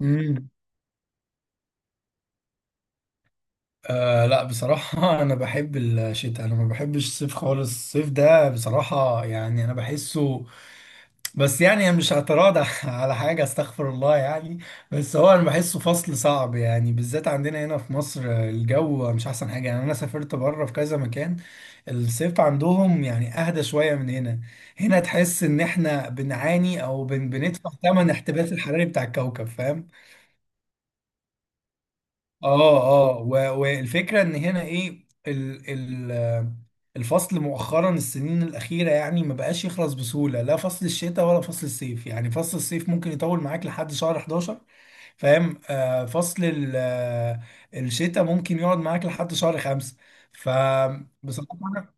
امم آه لا بصراحة أنا بحب الشتاء. أنا ما بحبش الصيف خالص. الصيف ده بصراحة يعني أنا بحسه، بس يعني أنا مش اعتراض على حاجة، استغفر الله يعني. بس هو أنا بحسه فصل صعب يعني، بالذات عندنا هنا في مصر، الجو مش أحسن حاجة. يعني أنا سافرت بره في كذا مكان، الصيف عندهم يعني أهدى شوية من هنا. هنا تحس إن إحنا بنعاني أو بندفع ثمن الاحتباس الحراري بتاع الكوكب، فاهم. اه. والفكره ان هنا ايه ال ال الفصل مؤخرا، السنين الاخيره يعني ما بقاش يخلص بسهوله، لا فصل الشتاء ولا فصل الصيف. يعني فصل الصيف ممكن يطول معاك لحد شهر 11، فاهم. آه فصل ال- آه، الشتاء ممكن يقعد معاك لحد شهر 5 فبصراحه.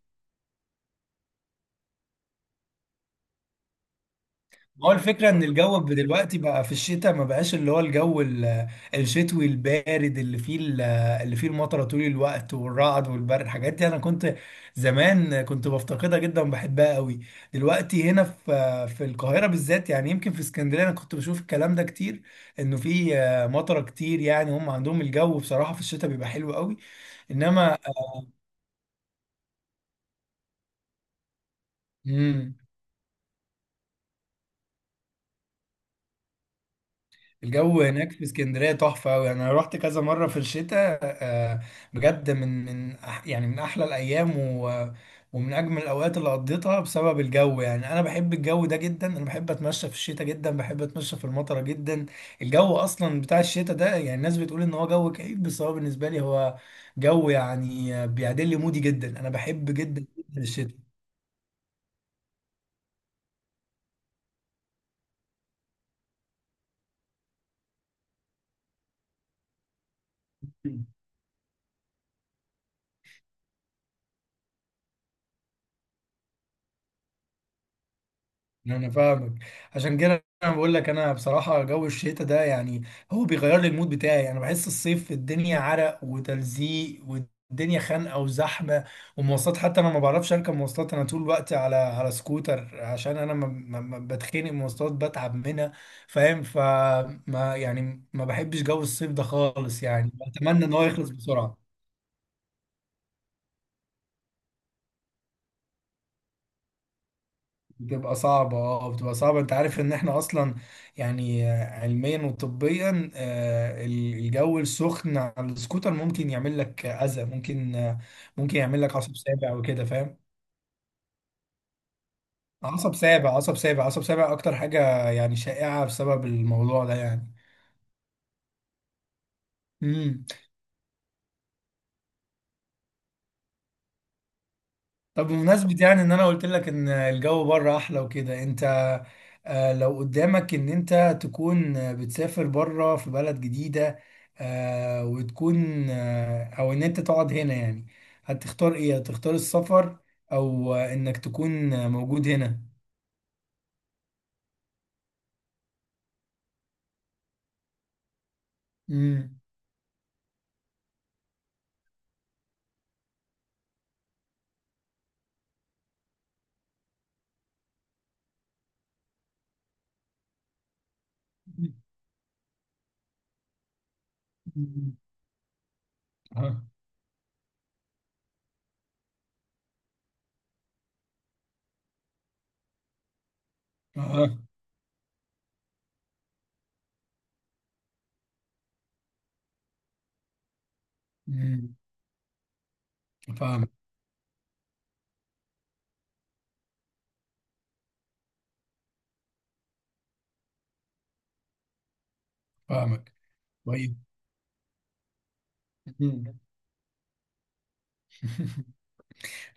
ما هو الفكرة إن الجو دلوقتي بقى في الشتاء ما بقاش اللي هو الشتوي البارد، اللي فيه المطرة طول الوقت والرعد والبرد، الحاجات دي أنا كنت، زمان كنت بفتقدها جدا وبحبها قوي. دلوقتي هنا في القاهرة بالذات، يعني يمكن في اسكندرية أنا كنت بشوف الكلام ده كتير، إنه فيه مطرة كتير. يعني هم عندهم الجو بصراحة في الشتاء بيبقى حلو قوي، إنما مم. الجو هناك في اسكندرية تحفة أوي. أنا رحت كذا مرة في الشتاء، بجد يعني من أحلى الأيام ومن أجمل الأوقات اللي قضيتها بسبب الجو. يعني أنا بحب الجو ده جدا، أنا بحب أتمشى في الشتاء جدا، بحب أتمشى في المطرة جدا. الجو أصلا بتاع الشتاء ده يعني الناس بتقول إن هو جو كئيب، بس هو بالنسبة لي هو جو يعني بيعدل لي مودي جدا. أنا بحب جدا جدا الشتاء. انا فاهمك. عشان كده انا بقول لك انا بصراحه جو الشتاء ده يعني هو بيغير لي المود بتاعي. انا بحس الصيف الدنيا عرق وتلزيق والدنيا خانقه وزحمه ومواصلات. حتى انا ما بعرفش اركب مواصلات، انا طول الوقت على سكوتر عشان انا ما بتخنق من المواصلات، بتعب منها، فاهم. فما يعني ما بحبش جو الصيف ده خالص، يعني بتمنى ان هو يخلص بسرعه. بتبقى صعبة، اه بتبقى صعبة. انت عارف ان احنا اصلا يعني، علميا وطبيا، الجو السخن على السكوتر ممكن يعمل لك اذى، ممكن، ممكن يعمل لك عصب سابع وكده، فاهم. عصب سابع اكتر حاجة يعني شائعة بسبب الموضوع ده يعني. إمم. طب بمناسبة يعني ان انا قلت لك ان الجو بره احلى وكده، انت لو قدامك ان انت تكون بتسافر بره في بلد جديدة، آه، وتكون آه، او ان انت تقعد هنا، يعني هتختار ايه؟ هتختار السفر او انك تكون موجود هنا؟ امم. اه. اه. أمم. فاهمك. فاهمك. طيب. مم.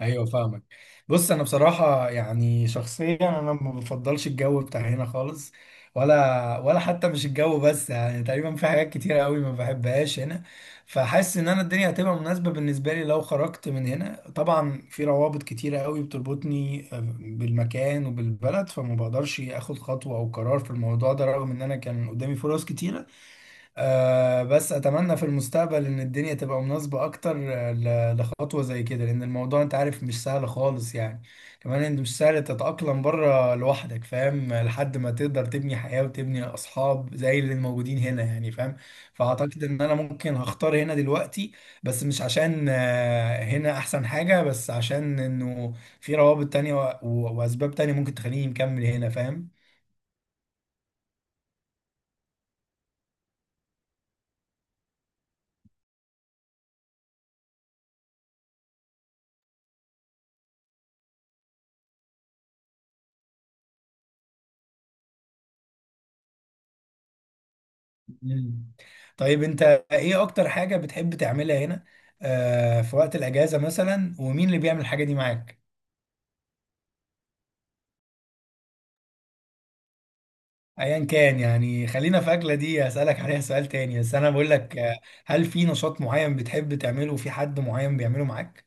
ايوه فاهمك. بص انا بصراحه يعني شخصيا انا ما بفضلش الجو بتاع هنا خالص، ولا حتى مش الجو بس، يعني تقريبا في حاجات كتيره قوي ما بحبهاش هنا. فحاسس ان انا الدنيا هتبقى مناسبه بالنسبه لي لو خرجت من هنا. طبعا في روابط كتيره قوي بتربطني بالمكان وبالبلد، فما بقدرش اخد خطوه او قرار في الموضوع ده رغم ان انا كان قدامي فرص كتيره. آه بس اتمنى في المستقبل ان الدنيا تبقى مناسبة اكتر، لخطوة زي كده، لان الموضوع انت عارف مش سهل خالص يعني. كمان انت مش سهل تتأقلم بره لوحدك، فاهم، لحد ما تقدر تبني حياة وتبني اصحاب زي اللي موجودين هنا يعني، فاهم. فاعتقد ان انا ممكن هختار هنا دلوقتي، بس مش عشان هنا احسن حاجة، بس عشان انه في روابط تانية واسباب تانية ممكن تخليني مكمل هنا، فاهم. مم. طيب انت ايه اكتر حاجة بتحب تعملها هنا آه في وقت الاجازة مثلا، ومين اللي بيعمل الحاجة دي معاك؟ ايا كان يعني، خلينا في اكلة، دي هسألك عليها سؤال تاني، بس انا بقول لك هل في نشاط معين بتحب تعمله وفي حد معين بيعمله معاك؟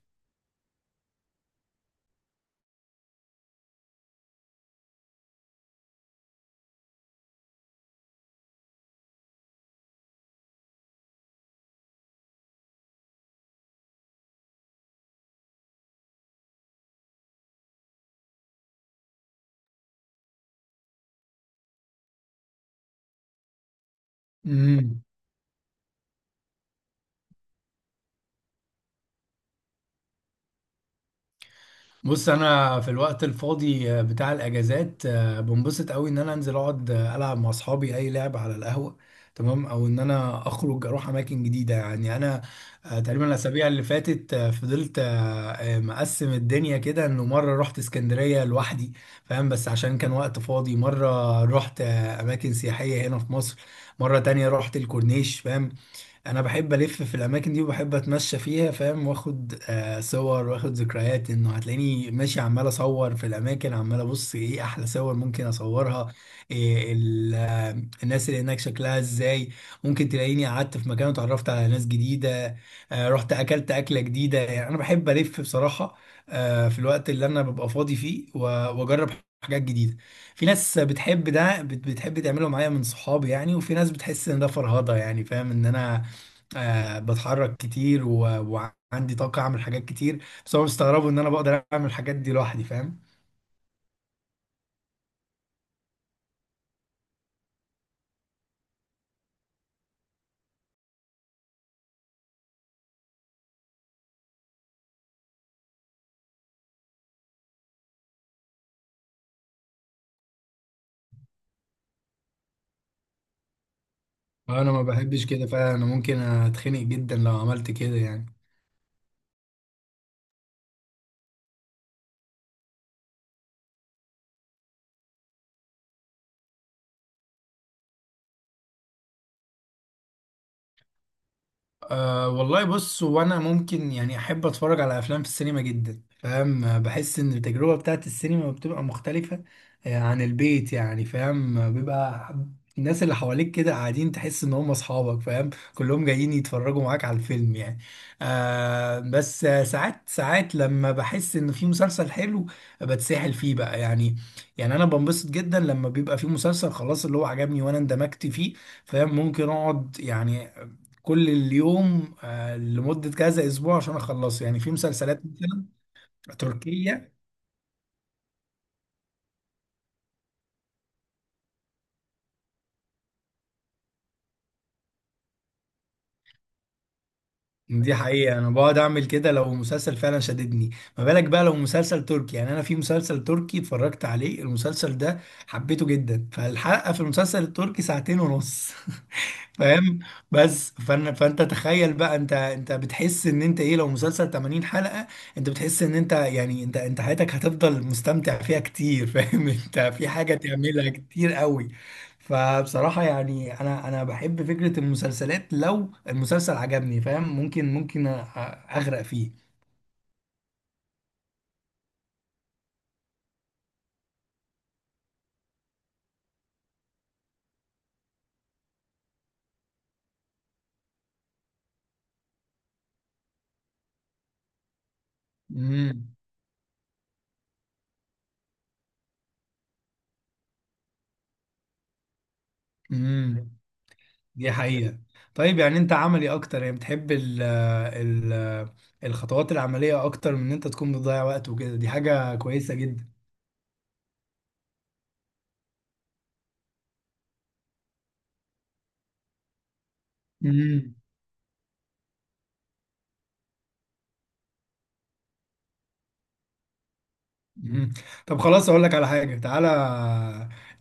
مم. بص انا في الوقت الفاضي، بتاع الاجازات، بنبسط قوي ان انا انزل اقعد، العب مع اصحابي اي لعب على القهوه، تمام، او ان انا اخرج اروح اماكن جديده. يعني انا تقريبا الاسابيع اللي فاتت، آه، فضلت آه، آه، مقسم الدنيا كده، انه مره رحت اسكندريه لوحدي، فاهم، بس عشان كان وقت فاضي، مره رحت اماكن سياحيه هنا في مصر، مره تانية رحت الكورنيش، فاهم. انا بحب الف في الاماكن دي وبحب اتمشى فيها، فاهم، واخد آه صور واخد ذكريات. انه هتلاقيني ماشي عمال اصور في الاماكن، عمال ابص ايه احلى صور ممكن اصورها، إيه ال- آه، الناس اللي هناك شكلها ازاي. ممكن تلاقيني قعدت في مكان وتعرفت على ناس جديده، آه رحت اكلت اكله جديده. يعني انا بحب الف بصراحه في الوقت اللي انا ببقى فاضي فيه واجرب حاجات جديده. في ناس بتحب ده بتحب تعمله معايا من صحابي يعني، وفي ناس بتحس ان ده فرهضه يعني، فاهم، ان انا آه بتحرك كتير وعندي طاقة أعمل حاجات كتير، بس هو مستغربوا إن أنا بقدر أعمل الحاجات دي لوحدي، فاهم. أنا ما بحبش كده فعلا، أنا ممكن أتخنق جدا لو عملت كده يعني. أه والله بص، وانا ممكن يعني احب اتفرج على افلام في السينما جدا، فاهم، بحس ان التجربه بتاعت السينما بتبقى مختلفه عن البيت، يعني فاهم، بيبقى الناس اللي حواليك كده قاعدين، تحس ان هم اصحابك، فاهم، كلهم جايين يتفرجوا معاك على الفيلم يعني. أه بس ساعات لما بحس ان في مسلسل حلو بتسحل فيه بقى يعني. يعني انا بنبسط جدا لما بيبقى في مسلسل خلاص اللي هو عجبني وانا اندمجت فيه، فاهم. ممكن اقعد يعني كل اليوم، لمدة كذا أسبوع عشان أخلصه، يعني في مسلسلات مثلا تركية. دي حقيقة أنا بقعد أعمل كده لو مسلسل فعلا شددني. ما بالك بقى لو مسلسل تركي؟ يعني أنا في مسلسل تركي اتفرجت عليه المسلسل ده حبيته جدا، فالحلقة في المسلسل التركي ساعتين ونص فاهم. بس فأنا فانت تخيل بقى، انت بتحس ان انت ايه لو مسلسل 80 حلقة؟ انت بتحس ان انت يعني انت انت حياتك هتفضل مستمتع فيها كتير، فاهم، انت في حاجة تعملها كتير قوي. فبصراحة يعني انا بحب فكرة المسلسلات، لو المسلسل عجبني، فاهم، اغرق فيه. امم امم دي حقيقة. طيب يعني انت عملي اكتر، يعني بتحب ال ال الخطوات العملية اكتر من ان انت تكون بتضيع وقت وكده، دي حاجة كويسة جدا. مم. مم. طب خلاص اقول لك على حاجة، تعالى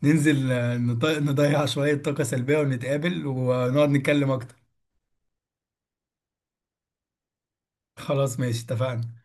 ننزل، نضيع شوية طاقة سلبية ونتقابل ونقعد نتكلم اكتر. خلاص ماشي، اتفقنا.